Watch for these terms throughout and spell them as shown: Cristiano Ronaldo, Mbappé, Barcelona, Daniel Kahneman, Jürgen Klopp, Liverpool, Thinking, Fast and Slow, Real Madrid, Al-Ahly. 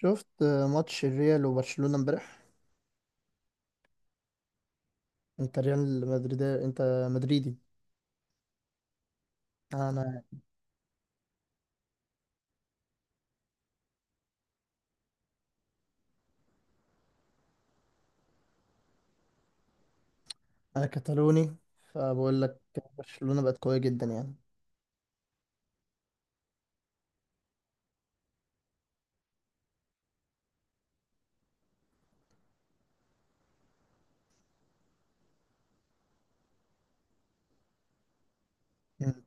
شفت ماتش الريال وبرشلونة امبارح؟ انت ريال مدريد، انت مدريدي. انا انا كتالوني، فبقول لك برشلونة بقت قوية جدا يعني. مم.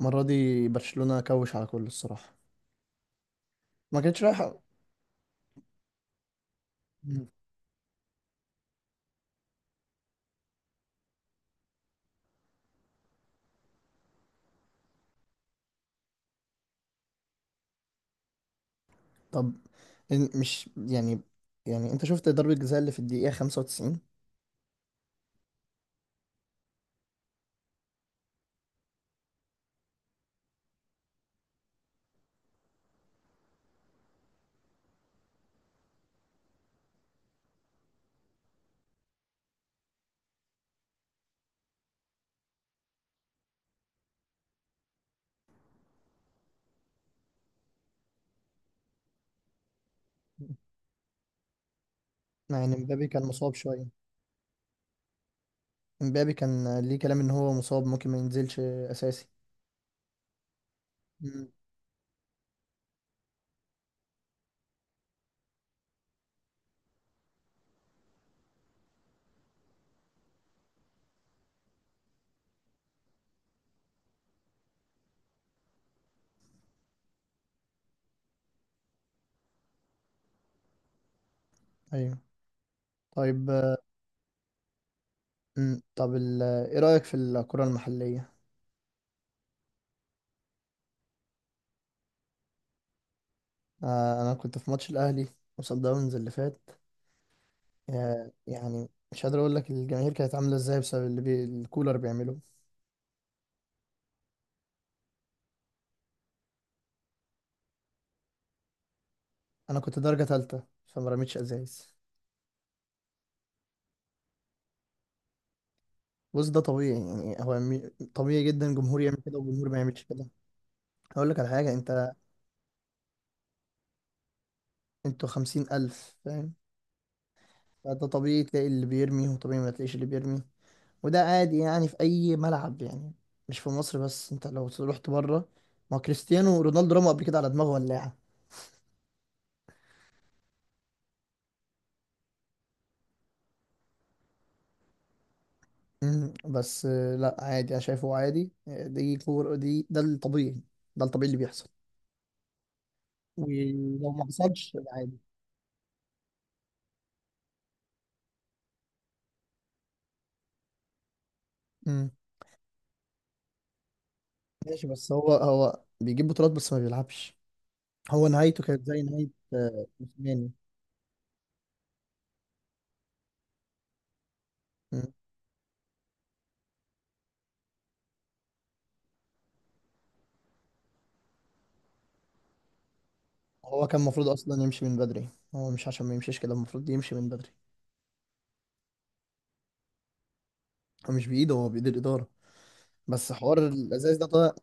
المرة دي برشلونة كوش على كل الصراحة، ما كانتش رايحة. مم. طب، مش يعني، يعني انت شفت ضربة الجزاء اللي في الدقيقة 95؟ يعني مبابي كان مصاب شوية. مبابي كان ليه كلام ان هو مصاب، ممكن ما ينزلش اساسي. مم. ايوه. طيب. مم. طب، ايه رأيك في الكرة المحلية؟ انا كنت في ماتش الاهلي وصن داونز اللي فات. يعني مش قادر اقول لك الجماهير كانت عامله ازاي بسبب اللي الكولر بيعمله. انا كنت درجه ثالثه فما رميتش ازايز. بص، ده طبيعي يعني. طبيعي جدا، جمهور يعمل كده وجمهور ما يعملش كده. هقول لك على حاجه انت. انتوا 50,000 فاهم؟ فده طبيعي تلاقي اللي بيرمي وطبيعي ما تلاقيش اللي بيرمي. وده عادي يعني، في اي ملعب يعني، مش في مصر بس. انت لو رحت بره، ما هو كريستيانو رونالدو رمى قبل كده على دماغه ولاعه. مم. بس لا عادي، انا شايفه عادي. دي ده الطبيعي. ده الطبيعي اللي بيحصل. ولو ما حصلش، عادي. مم. ماشي، بس هو بيجيب بطولات بس ما بيلعبش. هو نهايته كانت زي نهاية عثماني. مم. هو كان المفروض اصلا يمشي من بدري. هو مش عشان ما يمشيش كده المفروض يمشي من بدري. هو مش بايده، هو بايد الاداره. بس حوار الازايز ده طلع.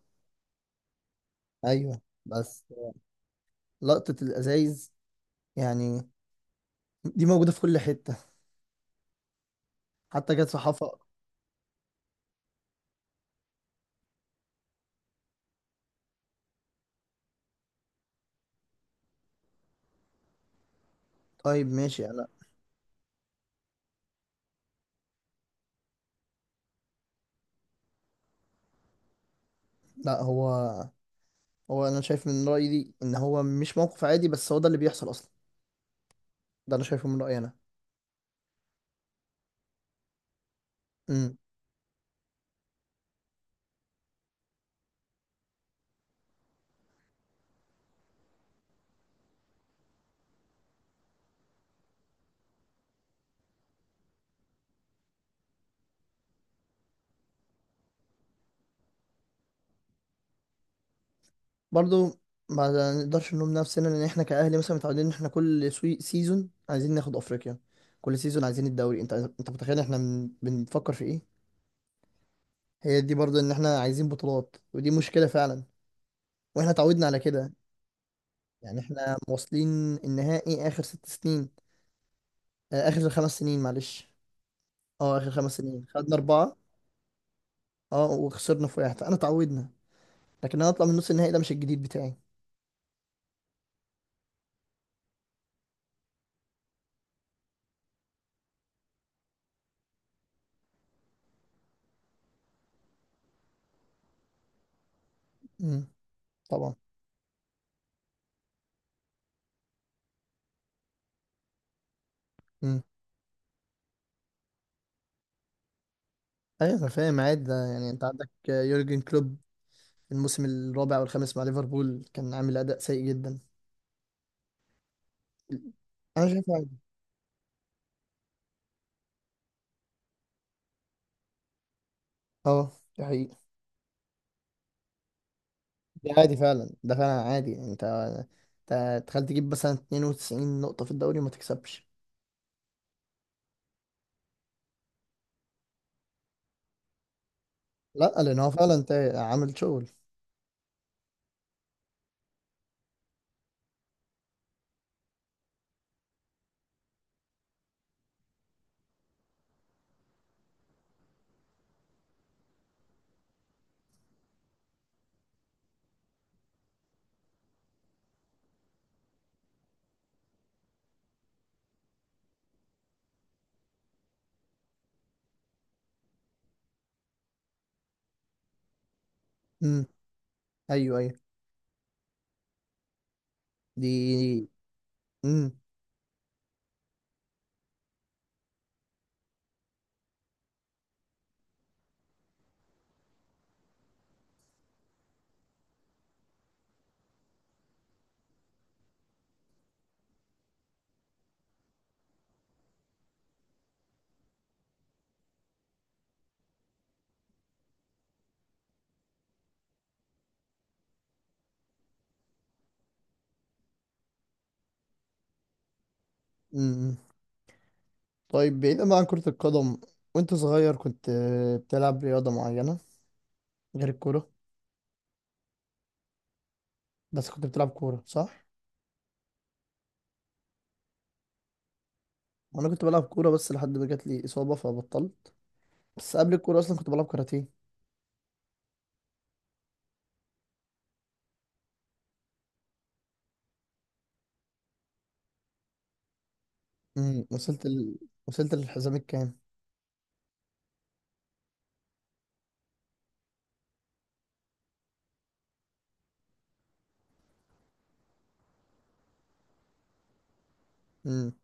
ايوه، بس لقطه الازايز يعني دي موجوده في كل حته، حتى جت في حفا. طيب، ماشي، انا... لا، هو انا شايف من رايي دي، ان هو مش موقف عادي، بس هو ده اللي بيحصل اصلا. ده انا شايفه من رايي انا. امم برضو ما نقدرش نلوم نفسنا، ان احنا كاهلي مثلا متعودين ان احنا كل سيزون عايزين ناخد افريقيا. كل سيزون عايزين الدوري. انت متخيل احنا بنفكر في ايه؟ هي دي برضو، ان احنا عايزين بطولات، ودي مشكله فعلا. واحنا اتعودنا على كده. يعني احنا واصلين النهائي اخر 6 سنين، اخر 5 سنين معلش. اه اخر 5 سنين خدنا اربعه. اه وخسرنا في واحد. فانا اتعودنا، لكن انا اطلع من نص النهائي ده مش الجديد بتاعي. امم. طبعا. امم. ايوه، انا فاهم عادي ده يعني. انت عندك يورجن كلوب، الموسم الرابع والخامس مع ليفربول كان عامل اداء سيء جدا. انا شايف عادي. اه، ده حقيقي. ده عادي فعلا، ده فعلا عادي يعني. انت تخيل تجيب مثلا 92 نقطة في الدوري وما تكسبش. لا، لان هو فعلا انت عامل شغل. امم. ايوه. ايوه. دي امم. امم. طيب، بعيدا بقى عن كرة القدم، وانت صغير كنت بتلعب رياضة معينة غير الكورة؟ بس كنت بتلعب كورة صح؟ وأنا كنت بلعب كورة بس لحد ما جات لي إصابة فبطلت. بس قبل الكورة أصلا كنت بلعب كاراتيه. امم وصلت ال... وصلت للحزام الكام؟ امم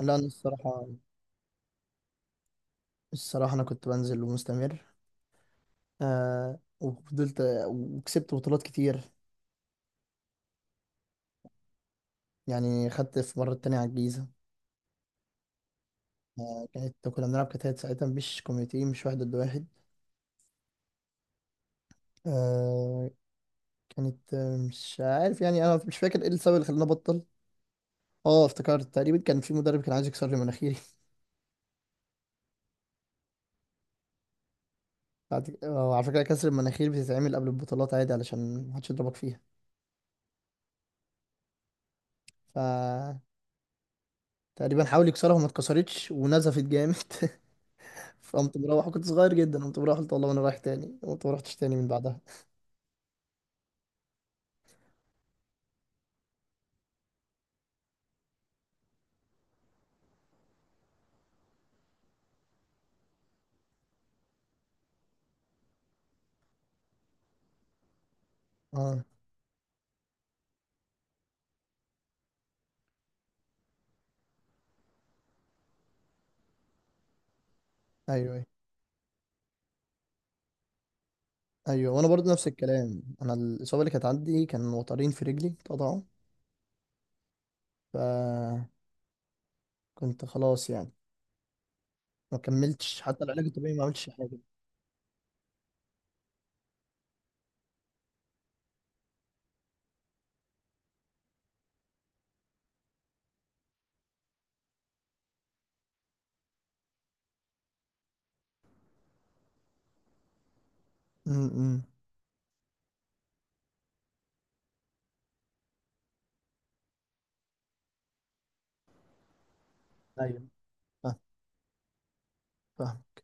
لا، أنا الصراحة أنا كنت بنزل ومستمر، وفضلت وكسبت بطولات كتير. يعني خدت في مرة تانية على الجيزة. كنا بنلعب كتات ساعتها، مش كوميتي، مش واحد ضد واحد. آه. كانت آه، مش عارف يعني، أنا مش فاكر إيه السبب اللي خلاني أبطل. اه افتكرت تقريبا كان في مدرب كان عايز يكسر لي مناخيري. على فكرة، كسر المناخير بتتعمل قبل البطولات عادي علشان محدش يضربك فيها. ف تقريبا حاول يكسرها وما اتكسرتش ونزفت جامد. فقمت مروح، كنت صغير جدا، قمت مروح قلت والله انا رايح تاني، قمت ما رحتش تاني من بعدها. اه. ايوه. ايوه. ايوه، وانا برضو نفس الكلام. انا الاصابه اللي كانت عندي كان وترين في رجلي اتقطعوا. فكنت خلاص يعني، ما كملتش حتى العلاج الطبيعي، ما عملتش حاجه. امم. ايوه. فاهم.